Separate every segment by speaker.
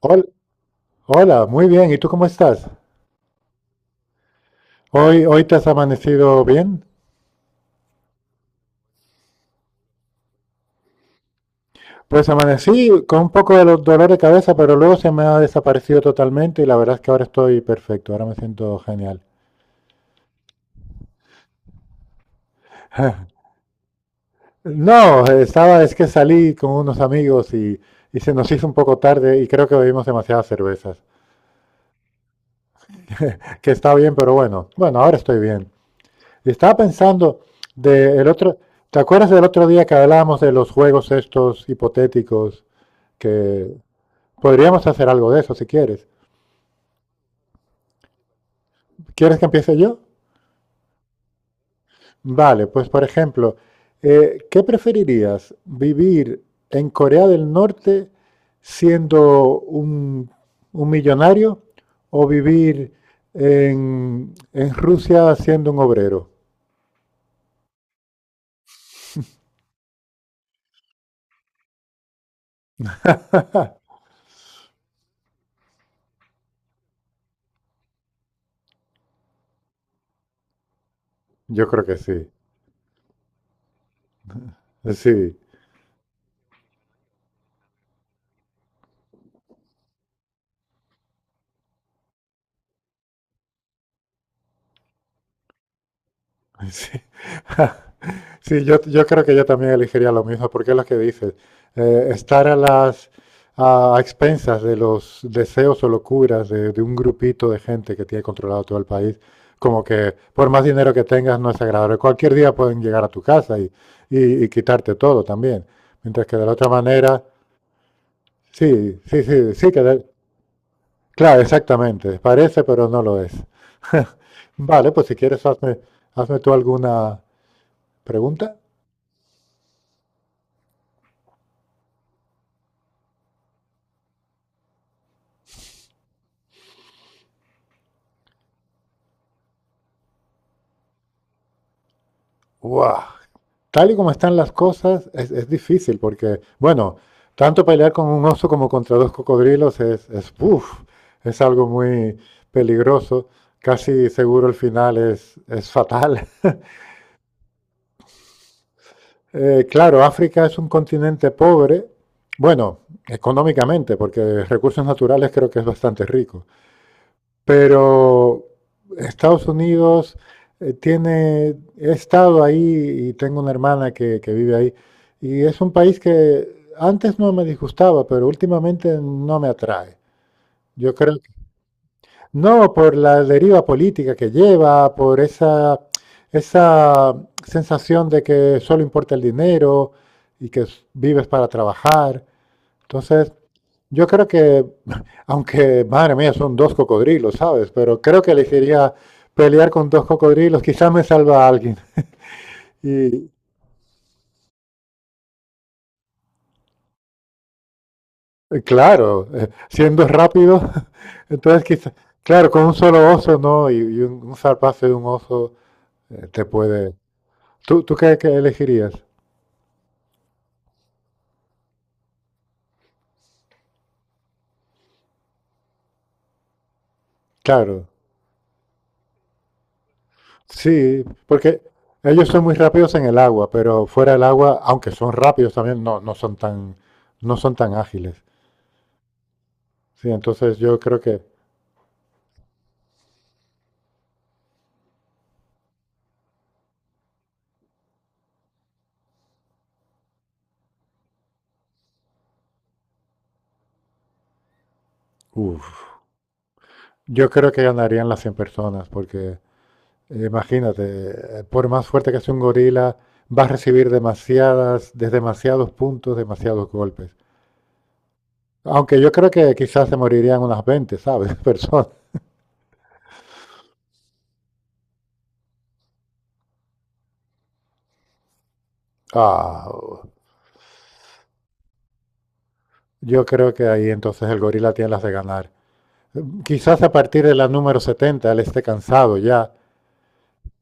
Speaker 1: Hol- Hola, muy bien. ¿Y tú cómo estás? Hoy te has amanecido bien. Pues amanecí con un poco de dolor de cabeza, pero luego se me ha desaparecido totalmente y la verdad es que ahora estoy perfecto. Ahora me siento genial. No, estaba, es que salí con unos amigos y se nos hizo un poco tarde y creo que bebimos demasiadas cervezas. Que está bien, pero bueno, bueno, ahora estoy bien. Y estaba pensando, de el otro, ¿te acuerdas del otro día que hablábamos de los juegos estos hipotéticos? Que Podríamos hacer algo de eso si quieres. ¿Quieres que empiece yo? Vale, pues por ejemplo, ¿qué preferirías? ¿Vivir en Corea del Norte siendo un millonario o vivir en, Rusia siendo un obrero? Yo creo que sí. Sí. Sí, sí, yo creo que yo también elegiría lo mismo, porque es lo que dices. Estar a las a expensas de los deseos o locuras de un grupito de gente que tiene controlado todo el país, como que por más dinero que tengas no es agradable. Cualquier día pueden llegar a tu casa y, y quitarte todo también. Mientras que de la otra manera, sí, sí, sí, sí, claro, exactamente. Parece, pero no lo es. Vale, pues si quieres, hazme tú alguna pregunta. Wow, tal y como están las cosas, es difícil porque, bueno, tanto pelear con un oso como contra dos cocodrilos uf, es algo muy peligroso. Casi seguro el final es fatal. Claro, África es un continente pobre, bueno, económicamente, porque recursos naturales creo que es bastante rico. Pero Estados Unidos tiene, he estado ahí y tengo una hermana que vive ahí, y es un país que antes no me disgustaba, pero últimamente no me atrae. Yo creo que no por la deriva política que lleva, por esa, sensación de que solo importa el dinero y que vives para trabajar. Entonces, yo creo que, aunque, madre mía, son dos cocodrilos, ¿sabes? Pero creo que elegiría pelear con dos cocodrilos, quizás me salva a alguien. Y claro, siendo rápido, entonces quizás, claro, con un solo oso, ¿no? Y un zarpazo de un oso te puede... ¿Tú qué elegirías? Claro, sí, porque ellos son muy rápidos en el agua, pero fuera del agua, aunque son rápidos también, no son tan, no son tan ágiles. Sí, entonces yo creo que... Uf. Yo creo que ganarían las 100 personas, porque imagínate, por más fuerte que sea un gorila, va a recibir de demasiados puntos, demasiados golpes. Aunque yo creo que quizás se morirían unas 20, ¿sabes? Personas. Ah, yo creo que ahí entonces el gorila tiene las de ganar. Quizás a partir de la número 70 él esté cansado ya,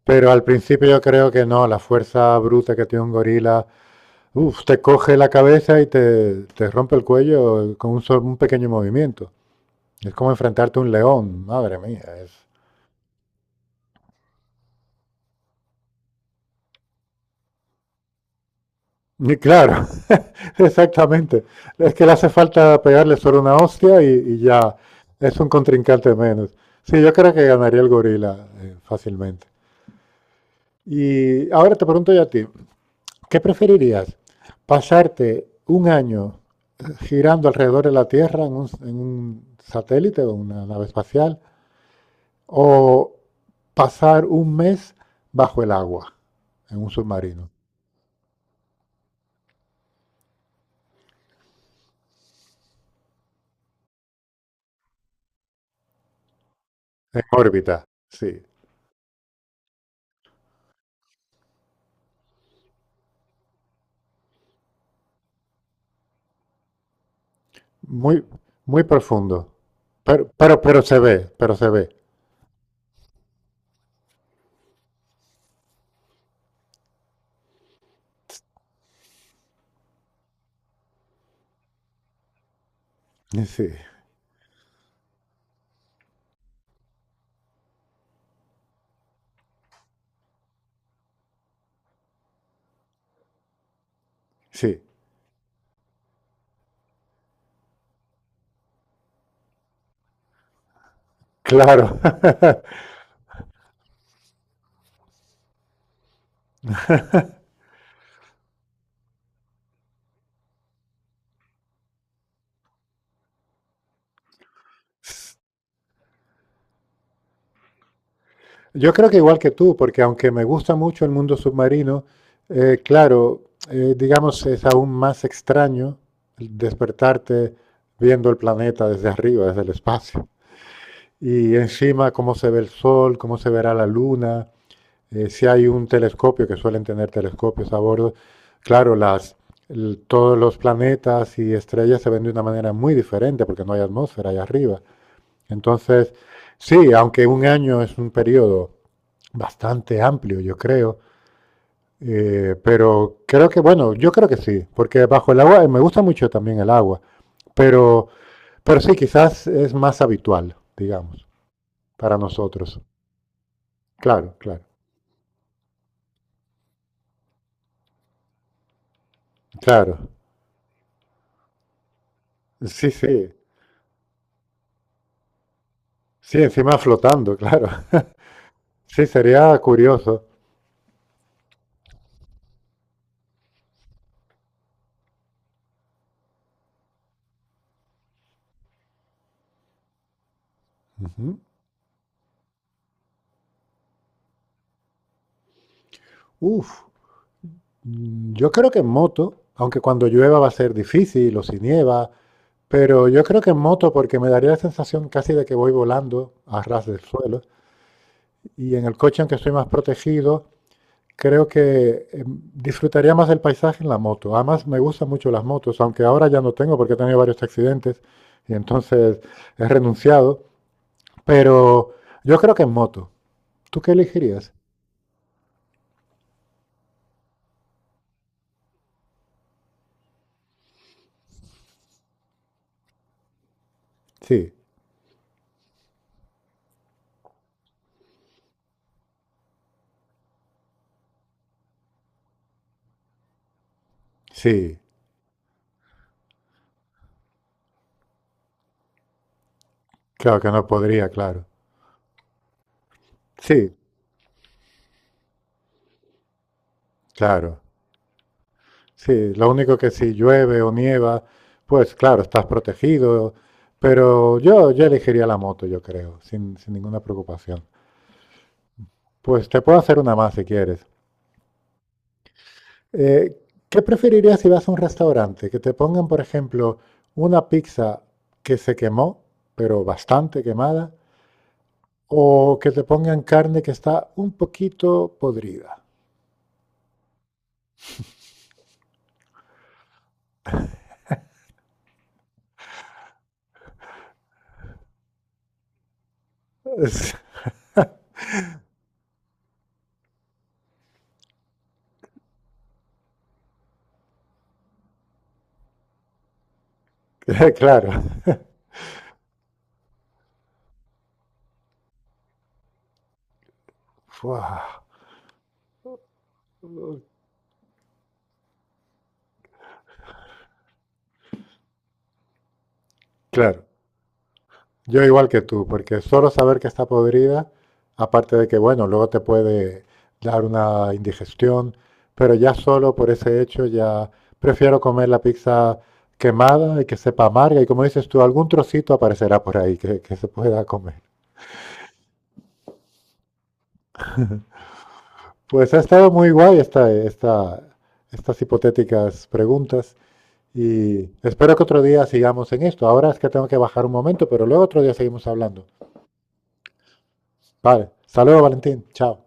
Speaker 1: pero al principio yo creo que no, la fuerza bruta que tiene un gorila, uf, te coge la cabeza y te rompe el cuello con un pequeño movimiento. Es como enfrentarte a un león, madre mía. Es... Y claro, exactamente. Es que le hace falta pegarle solo una hostia y, ya es un contrincante menos. Sí, yo creo que ganaría el gorila fácilmente. Y ahora te pregunto yo a ti, ¿qué preferirías? ¿Pasarte un año girando alrededor de la Tierra en un satélite o una nave espacial? ¿O pasar un mes bajo el agua en un submarino, en órbita? Sí, muy, muy profundo, pero se ve, pero se ve, sí, sí, claro. Yo creo que igual que tú, porque aunque me gusta mucho el mundo submarino, claro, digamos, es aún más extraño el despertarte viendo el planeta desde arriba, desde el espacio. Y encima cómo se ve el sol, cómo se verá la luna, si hay un telescopio, que suelen tener telescopios a bordo, claro, todos los planetas y estrellas se ven de una manera muy diferente porque no hay atmósfera allá arriba. Entonces, sí, aunque un año es un periodo bastante amplio, yo creo, pero creo que, bueno, yo creo que sí, porque bajo el agua, me gusta mucho también el agua, pero, pero sí, quizás es más habitual, digamos, para nosotros. Claro, claro, claro. Sí, sí. Sí, encima flotando, claro. Sí, sería curioso. Ujú. Uf, yo creo que en moto, aunque cuando llueva va a ser difícil o si nieva, pero yo creo que en moto porque me daría la sensación casi de que voy volando a ras del suelo, y en el coche, aunque estoy más protegido, creo que disfrutaría más del paisaje en la moto. Además, me gustan mucho las motos, aunque ahora ya no tengo porque he tenido varios accidentes y entonces he renunciado, pero yo creo que en moto. ¿Tú qué elegirías? Sí, sí, claro que no podría, claro. Sí, claro. Sí, lo único que si llueve o nieva, pues claro, estás protegido, pero yo, elegiría la moto, yo creo, sin ninguna preocupación. Pues te puedo hacer una más si quieres. Eh, ¿Qué preferirías si vas a un restaurante? Que te pongan, por ejemplo, una pizza que se quemó, pero bastante quemada, o que te pongan carne que está un poquito podrida. Es- Claro, fua. Claro, yo igual que tú, porque solo saber que está podrida, aparte de que, bueno, luego te puede dar una indigestión, pero ya solo por ese hecho ya prefiero comer la pizza quemada y que sepa amarga y como dices tú, algún trocito aparecerá por ahí que se pueda comer. Pues ha estado muy guay estas hipotéticas preguntas y espero que otro día sigamos en esto. Ahora es que tengo que bajar un momento, pero luego otro día seguimos hablando. Vale, saludos Valentín, chao.